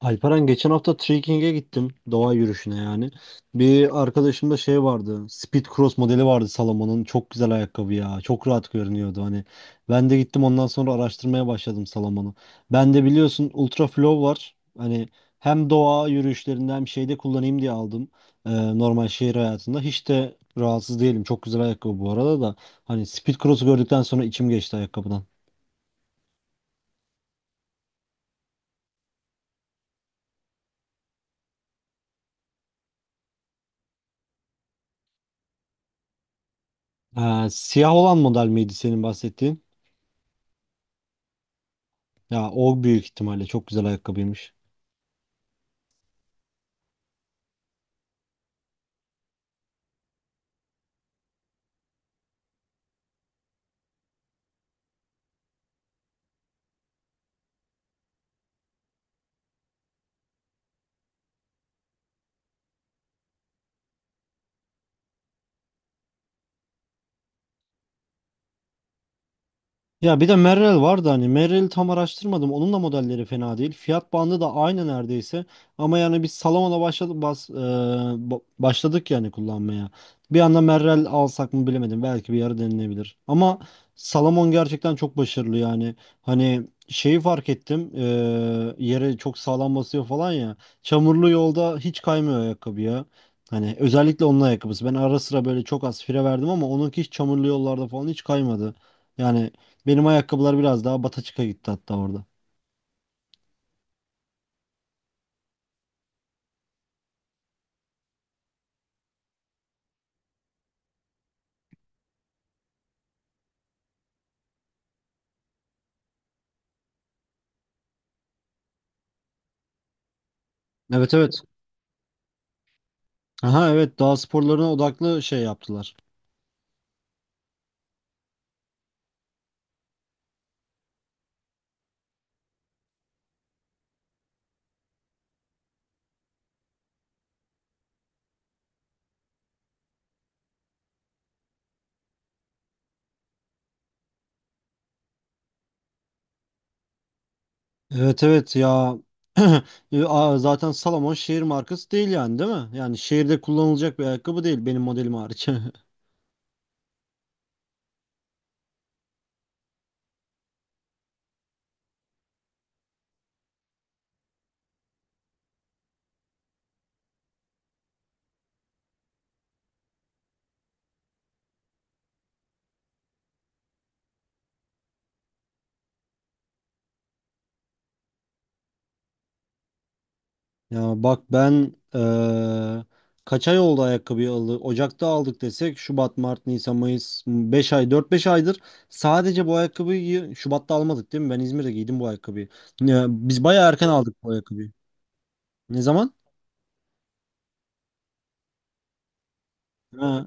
Alperen geçen hafta trekking'e gittim. Doğa yürüyüşüne yani. Bir arkadaşımda şey vardı. Speed Cross modeli vardı Salomon'un. Çok güzel ayakkabı ya. Çok rahat görünüyordu hani. Ben de gittim ondan sonra araştırmaya başladım Salomon'u. Ben de biliyorsun Ultra Flow var. Hani hem doğa yürüyüşlerinde hem şeyde kullanayım diye aldım. Ee, Normal şehir hayatında. Hiç de rahatsız değilim. Çok güzel ayakkabı bu arada da. Hani Speed Cross'u gördükten sonra içim geçti ayakkabıdan. Siyah olan model miydi senin bahsettiğin? Ya o büyük ihtimalle çok güzel ayakkabıymış. Ya bir de Merrell vardı, hani Merrell'i tam araştırmadım. Onun da modelleri fena değil. Fiyat bandı da aynı neredeyse. Ama yani biz Salomon'a başladık bas, e, ba- başladık yani kullanmaya. Bir anda Merrell alsak mı bilemedim. Belki bir ara denilebilir. Ama Salomon gerçekten çok başarılı yani. Hani şeyi fark ettim. Yere çok sağlam basıyor falan ya. Çamurlu yolda hiç kaymıyor ayakkabı ya. Hani özellikle onun ayakkabısı. Ben ara sıra böyle çok az fire verdim ama onunki hiç çamurlu yollarda falan hiç kaymadı. Yani benim ayakkabılar biraz daha bataçıka gitti hatta orada. Evet, evet. Aha, evet, dağ sporlarına odaklı şey yaptılar. Evet, evet ya. Zaten Salomon şehir markası değil yani, değil mi? Yani şehirde kullanılacak bir ayakkabı değil, benim modelim hariç. Ya bak ben, kaç ay oldu ayakkabıyı Ocak'ta aldık desek, Şubat, Mart, Nisan, Mayıs 5 ay, 4-5 aydır sadece bu ayakkabıyı. Şubat'ta almadık değil mi? Ben İzmir'de giydim bu ayakkabıyı. Ya, biz bayağı erken aldık bu ayakkabıyı. Ne zaman? Ha.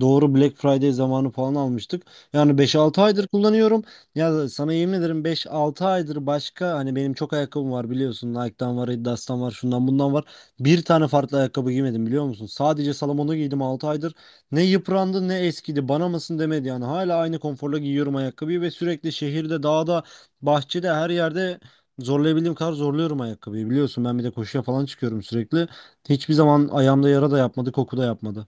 Doğru, Black Friday zamanı falan almıştık. Yani 5-6 aydır kullanıyorum. Ya sana yemin ederim, 5-6 aydır başka, hani benim çok ayakkabım var biliyorsun. Nike'dan var, Adidas'tan var, şundan bundan var. Bir tane farklı ayakkabı giymedim biliyor musun? Sadece Salomon'u giydim 6 aydır. Ne yıprandı ne eskidi. Bana mısın demedi yani. Hala aynı konforla giyiyorum ayakkabıyı ve sürekli şehirde, dağda, bahçede, her yerde zorlayabildiğim kadar zorluyorum ayakkabıyı. Biliyorsun ben bir de koşuya falan çıkıyorum sürekli. Hiçbir zaman ayağımda yara da yapmadı, koku da yapmadı.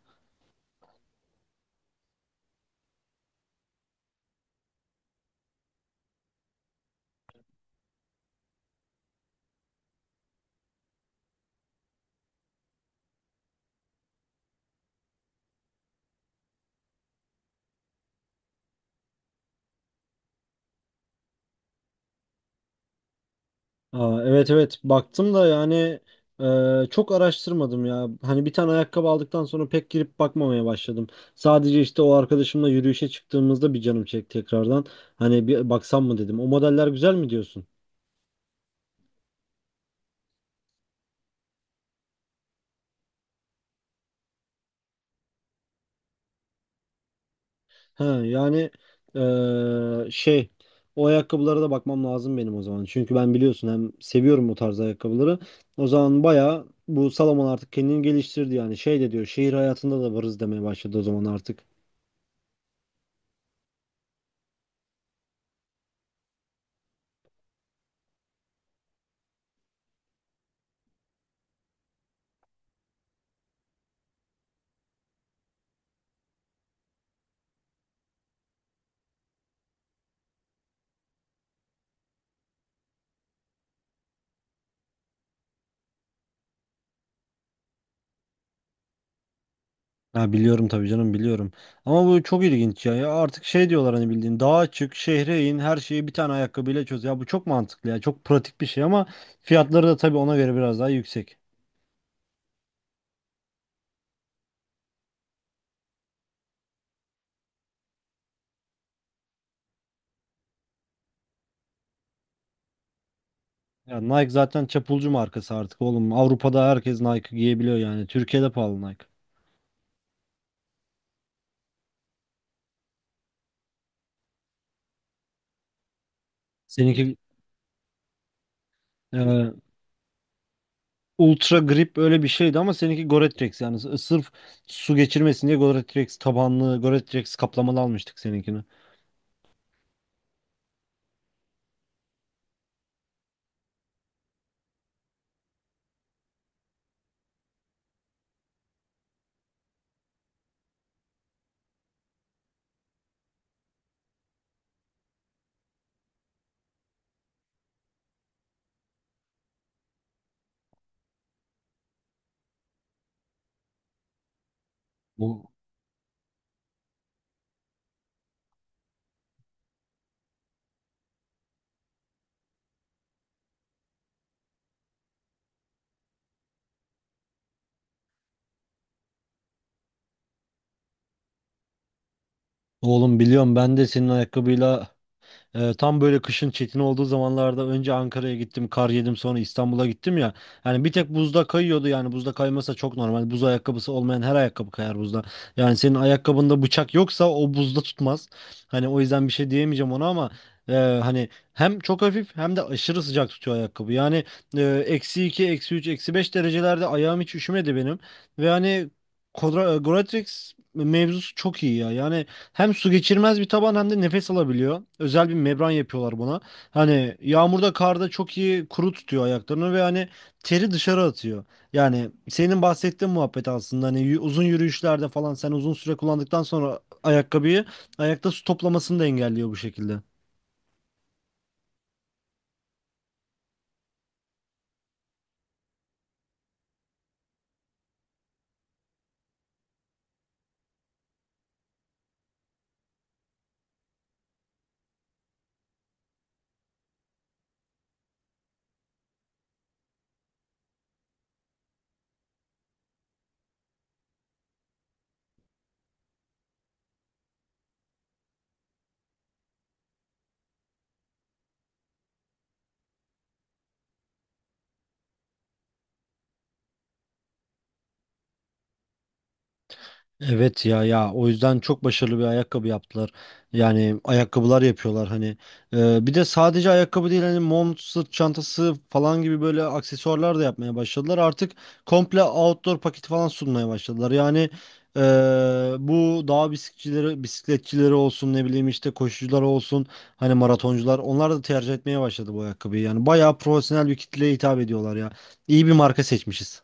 Evet, evet, baktım da yani çok araştırmadım ya. Hani bir tane ayakkabı aldıktan sonra pek girip bakmamaya başladım. Sadece işte o arkadaşımla yürüyüşe çıktığımızda bir canım çekti tekrardan. Hani bir baksam mı dedim. O modeller güzel mi diyorsun? Ha, yani, şey, o ayakkabılara da bakmam lazım benim o zaman. Çünkü ben biliyorsun hem seviyorum o tarz ayakkabıları. O zaman baya bu Salomon artık kendini geliştirdi yani, şey de diyor, şehir hayatında da varız demeye başladı o zaman artık. Ha, biliyorum tabii canım, biliyorum. Ama bu çok ilginç ya. Ya artık şey diyorlar hani, bildiğin dağa çık, şehre in, her şeyi bir tane ayakkabıyla çöz. Ya bu çok mantıklı ya. Çok pratik bir şey ama fiyatları da tabii ona göre biraz daha yüksek. Ya Nike zaten çapulcu markası artık oğlum. Avrupa'da herkes Nike giyebiliyor yani. Türkiye'de pahalı Nike. Seninki e, Ultra Grip öyle bir şeydi ama seninki Gore-Tex, yani sırf su geçirmesin diye Gore-Tex tabanlı, Gore-Tex kaplamalı almıştık seninkini. Bu Oğlum, biliyorum, ben de senin ayakkabıyla, tam böyle kışın çetin olduğu zamanlarda önce Ankara'ya gittim, kar yedim, sonra İstanbul'a gittim ya. Hani bir tek buzda kayıyordu, yani buzda kaymasa çok normal. Buz ayakkabısı olmayan her ayakkabı kayar buzda. Yani senin ayakkabında bıçak yoksa o buzda tutmaz. Hani o yüzden bir şey diyemeyeceğim ona ama e, hani hem çok hafif hem de aşırı sıcak tutuyor ayakkabı. Yani -2, -3, -5 derecelerde ayağım hiç üşümedi benim. Ve hani Goratrix mevzusu çok iyi ya. Yani hem su geçirmez bir taban hem de nefes alabiliyor. Özel bir membran yapıyorlar buna. Hani yağmurda, karda çok iyi kuru tutuyor ayaklarını ve hani teri dışarı atıyor. Yani senin bahsettiğin muhabbet aslında hani uzun yürüyüşlerde falan sen uzun süre kullandıktan sonra ayakkabıyı, ayakta su toplamasını da engelliyor bu şekilde. Evet ya, ya o yüzden çok başarılı bir ayakkabı yaptılar. Yani ayakkabılar yapıyorlar hani. Bir de sadece ayakkabı değil, hani mont, sırt çantası falan gibi böyle aksesuarlar da yapmaya başladılar. Artık komple outdoor paketi falan sunmaya başladılar. Yani e, bu dağ bisikletçileri olsun, ne bileyim işte koşucular olsun, hani maratoncular, onlar da tercih etmeye başladı bu ayakkabıyı. Yani bayağı profesyonel bir kitleye hitap ediyorlar ya. İyi bir marka seçmişiz.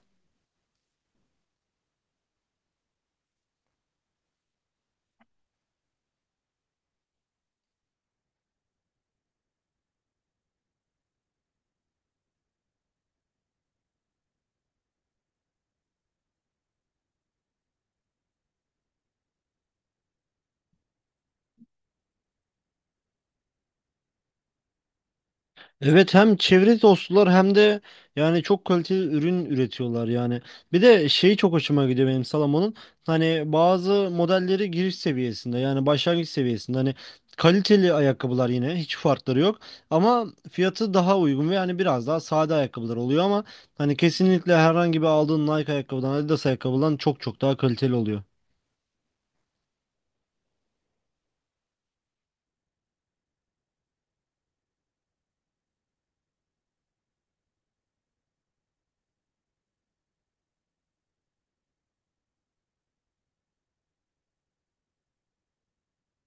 Evet, hem çevre dostlar hem de yani çok kaliteli ürün üretiyorlar yani. Bir de şeyi çok hoşuma gidiyor benim Salomon'un. Hani bazı modelleri giriş seviyesinde, yani başlangıç seviyesinde hani kaliteli ayakkabılar, yine hiç farkları yok ama fiyatı daha uygun ve yani biraz daha sade ayakkabılar oluyor ama hani kesinlikle herhangi bir aldığın Nike ayakkabıdan, Adidas ayakkabıdan çok çok daha kaliteli oluyor.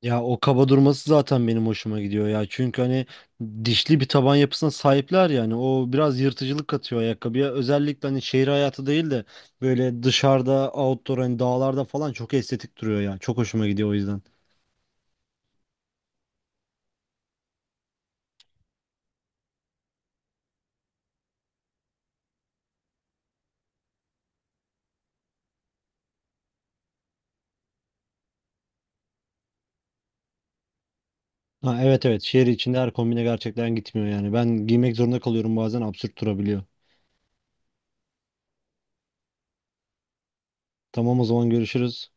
Ya o kaba durması zaten benim hoşuma gidiyor ya. Çünkü hani dişli bir taban yapısına sahipler yani. O biraz yırtıcılık katıyor ayakkabıya. Özellikle hani şehir hayatı değil de böyle dışarıda, outdoor, hani dağlarda falan çok estetik duruyor ya. Çok hoşuma gidiyor o yüzden. Ha, evet, evet, şehir içinde her kombine gerçekten gitmiyor yani. Ben giymek zorunda kalıyorum, bazen absürt durabiliyor. Tamam, o zaman görüşürüz.